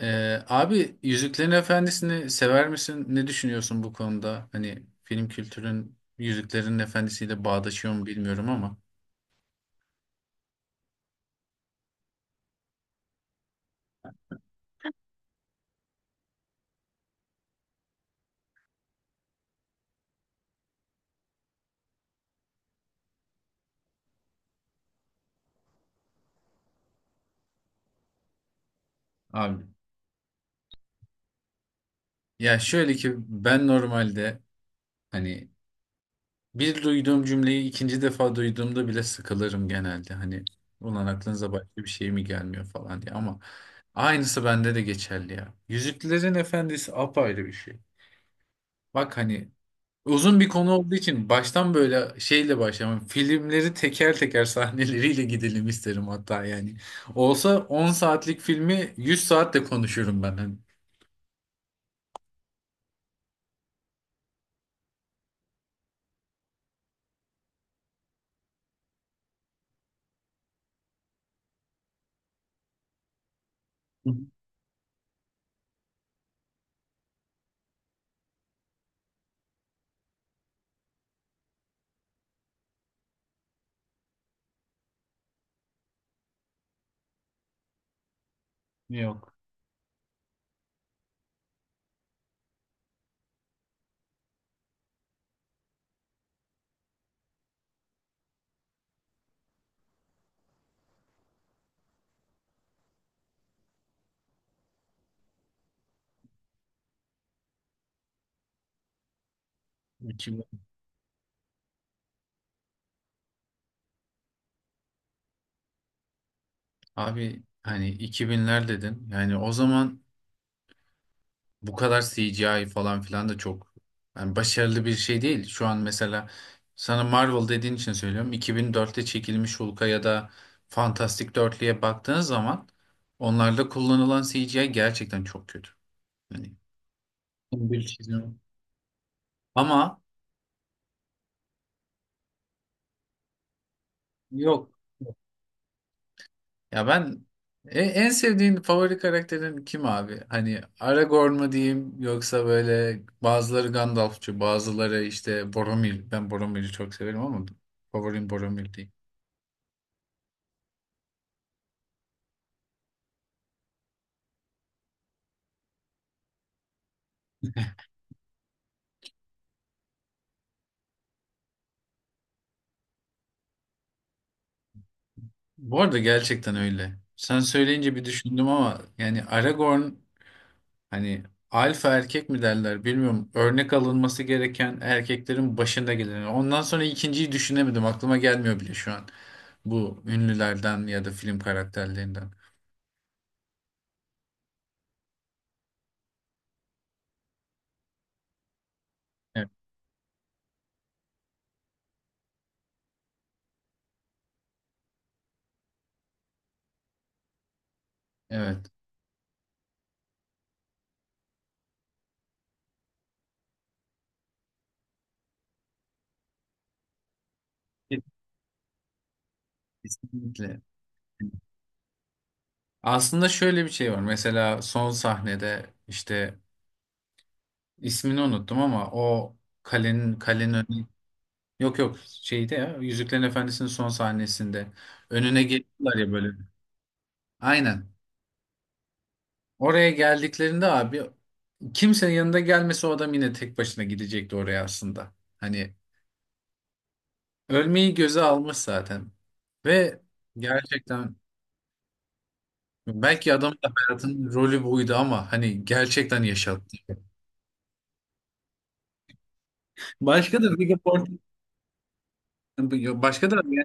Abi Yüzüklerin Efendisi'ni sever misin? Ne düşünüyorsun bu konuda? Hani film kültürün Yüzüklerin Efendisi'yle bağdaşıyor mu bilmiyorum ama. Abi ya şöyle ki ben normalde hani bir duyduğum cümleyi ikinci defa duyduğumda bile sıkılırım genelde. Hani ulan aklınıza başka bir şey mi gelmiyor falan diye ama aynısı bende de geçerli ya. Yüzüklerin Efendisi apayrı bir şey. Bak hani uzun bir konu olduğu için baştan böyle şeyle başlamam. Filmleri teker teker sahneleriyle gidelim isterim hatta yani. Olsa 10 saatlik filmi 100 saatte konuşurum ben. Hani. Yok. 2000. Abi hani 2000'ler dedin. Yani o zaman bu kadar CGI falan filan da çok yani başarılı bir şey değil. Şu an mesela sana Marvel dediğin için söylüyorum. 2004'te çekilmiş Hulk'a ya da Fantastic Dörtlü'ye baktığınız zaman onlarda kullanılan CGI gerçekten çok kötü. Yani bir çizim. Ama yok. Ya ben en sevdiğin favori karakterin kim abi? Hani Aragorn mu diyeyim yoksa böyle bazıları Gandalfçı, bazıları işte Boromir. Ben Boromir'i çok severim ama favorim Boromir değil. Bu arada gerçekten öyle. Sen söyleyince bir düşündüm ama yani Aragorn hani alfa erkek mi derler bilmiyorum. Örnek alınması gereken erkeklerin başında gelen. Ondan sonra ikinciyi düşünemedim. Aklıma gelmiyor bile şu an. Bu ünlülerden ya da film karakterlerinden. Evet. Evet. Kesinlikle. Aslında şöyle bir şey var. Mesela son sahnede işte ismini unuttum ama o kalenin önü, yok yok, şeyde ya, Yüzüklerin Efendisi'nin son sahnesinde önüne geliyorlar ya böyle. Aynen. Oraya geldiklerinde abi kimsenin yanında gelmesi o adam yine tek başına gidecekti oraya aslında. Hani ölmeyi göze almış zaten. Ve gerçekten belki adamın da hayatının rolü buydu ama hani gerçekten yaşattı. Başka da Vigo Port- başka da yani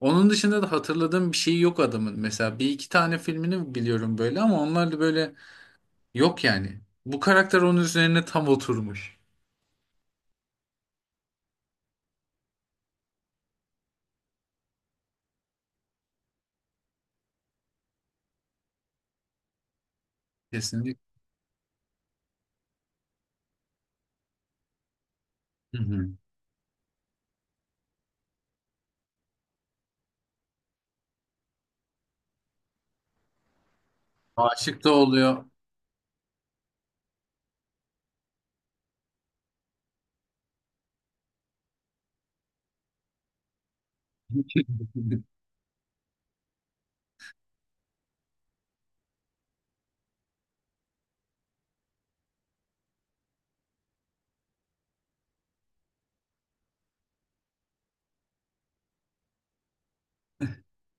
onun dışında da hatırladığım bir şey yok adamın. Mesela bir iki tane filmini biliyorum böyle ama onlar da böyle yok yani. Bu karakter onun üzerine tam oturmuş. Kesinlikle. Hı hı. Aşık da oluyor.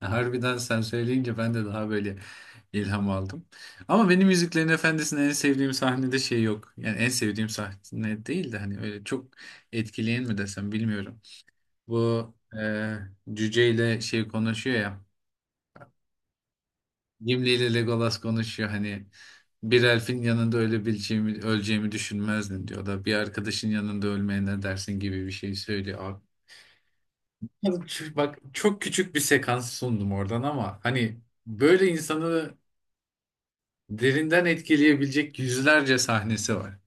Harbiden sen söyleyince ben de daha böyle ilham aldım. Ama benim Yüzüklerin Efendisi'nin en sevdiğim sahnede şey yok. Yani en sevdiğim sahne değil de hani öyle çok etkileyen mi desem bilmiyorum. Bu e, cüceyle şey konuşuyor ya. Gimli ile Legolas konuşuyor hani bir elfin yanında ölebileceğimi öleceğimi düşünmezdin diyor da bir arkadaşın yanında ölmeye ne dersin gibi bir şey söylüyor. Abi, bak çok küçük bir sekans sundum oradan ama hani böyle insanı derinden etkileyebilecek yüzlerce sahnesi var.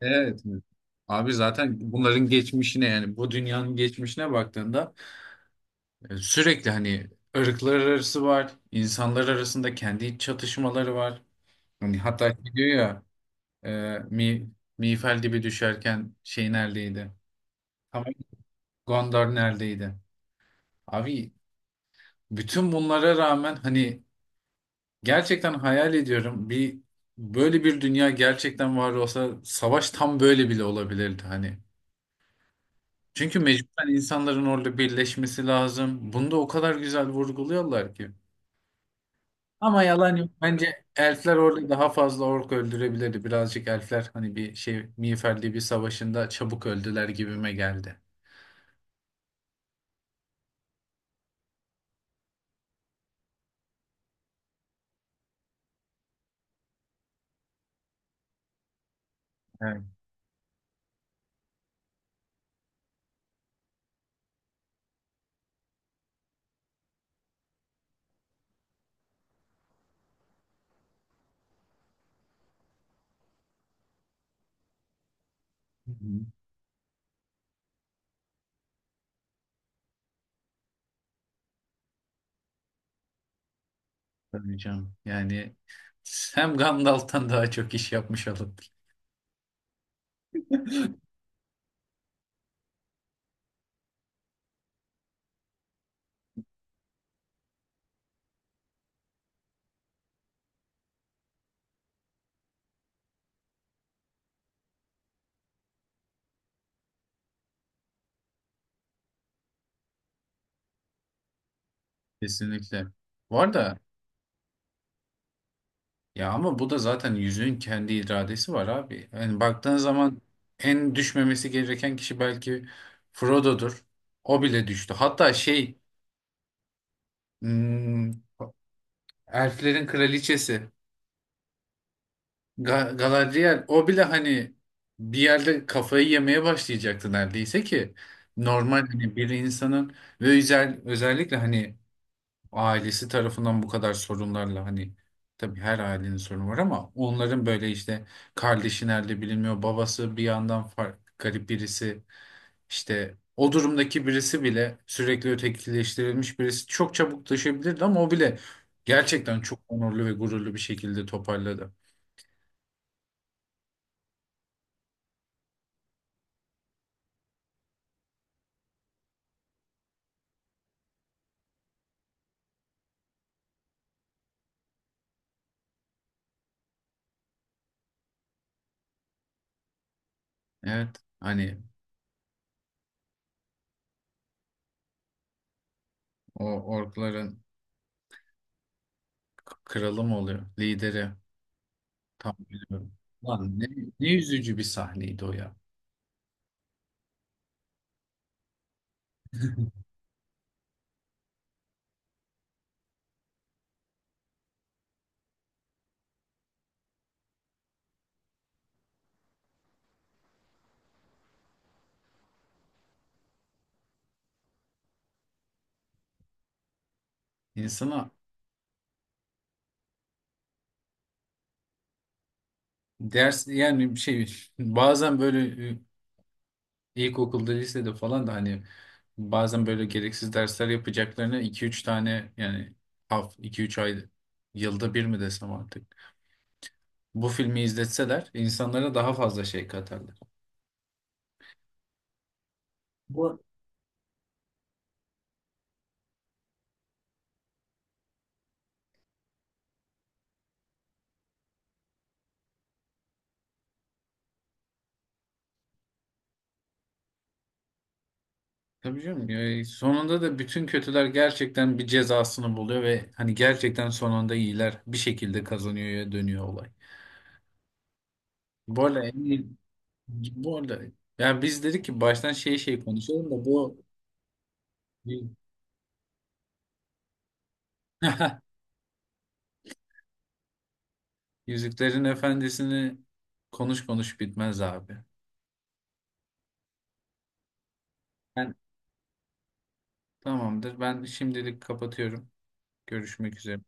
Evet. Abi zaten bunların geçmişine yani bu dünyanın geçmişine baktığında sürekli hani ırklar arası var, insanlar arasında kendi iç çatışmaları var. Hani hatta şey diyor ya, Ee, Mi, Mifel gibi düşerken şey neredeydi? Tamam. Gondor neredeydi? Abi bütün bunlara rağmen hani gerçekten hayal ediyorum bir, böyle bir dünya gerçekten var olsa savaş tam böyle bile olabilirdi hani. Çünkü mecburen insanların orada birleşmesi lazım. Bunu da o kadar güzel vurguluyorlar ki. Ama yalan yok. Bence elfler orada daha fazla ork öldürebilirdi. Birazcık elfler hani bir şey Miğfer bir savaşında çabuk öldüler gibime geldi. Evet. Hı hı. Tabii canım. Yani hem Gandalf'tan daha çok iş yapmış olurduk. Kesinlikle. Bu arada ya ama bu da zaten yüzüğün kendi iradesi var abi. Yani baktığın zaman en düşmemesi gereken kişi belki Frodo'dur. O bile düştü. Hatta şey, hmm, elflerin kraliçesi Galadriel o bile hani bir yerde kafayı yemeye başlayacaktı neredeyse ki normal hani bir insanın ve özellikle hani ailesi tarafından bu kadar sorunlarla hani tabii her ailenin sorunu var ama onların böyle işte kardeşi nerede bilinmiyor, babası bir yandan fark, garip birisi işte o durumdaki birisi bile sürekli ötekileştirilmiş birisi çok çabuk düşebilirdi ama o bile gerçekten çok onurlu ve gururlu bir şekilde toparladı. Evet hani o orkların kralı mı oluyor, lideri? Tam biliyorum. Lan ne üzücü bir sahneydi o ya. İnsana ders yani bir şey bazen böyle ilkokulda lisede falan da hani bazen böyle gereksiz dersler yapacaklarına iki üç tane yani iki üç ay yılda bir mi desem artık. Bu filmi izletseler insanlara daha fazla şey katarlar. Bu tabii canım. Ya, sonunda da bütün kötüler gerçekten bir cezasını buluyor ve hani gerçekten sonunda iyiler bir şekilde kazanıyor ya dönüyor olay. Bu arada en iyi, bu arada yani biz dedik ki baştan şey şey konuşalım da bu Yüzüklerin Efendisi'ni konuş konuş bitmez abi. Ben, tamamdır. Ben şimdilik kapatıyorum. Görüşmek üzere.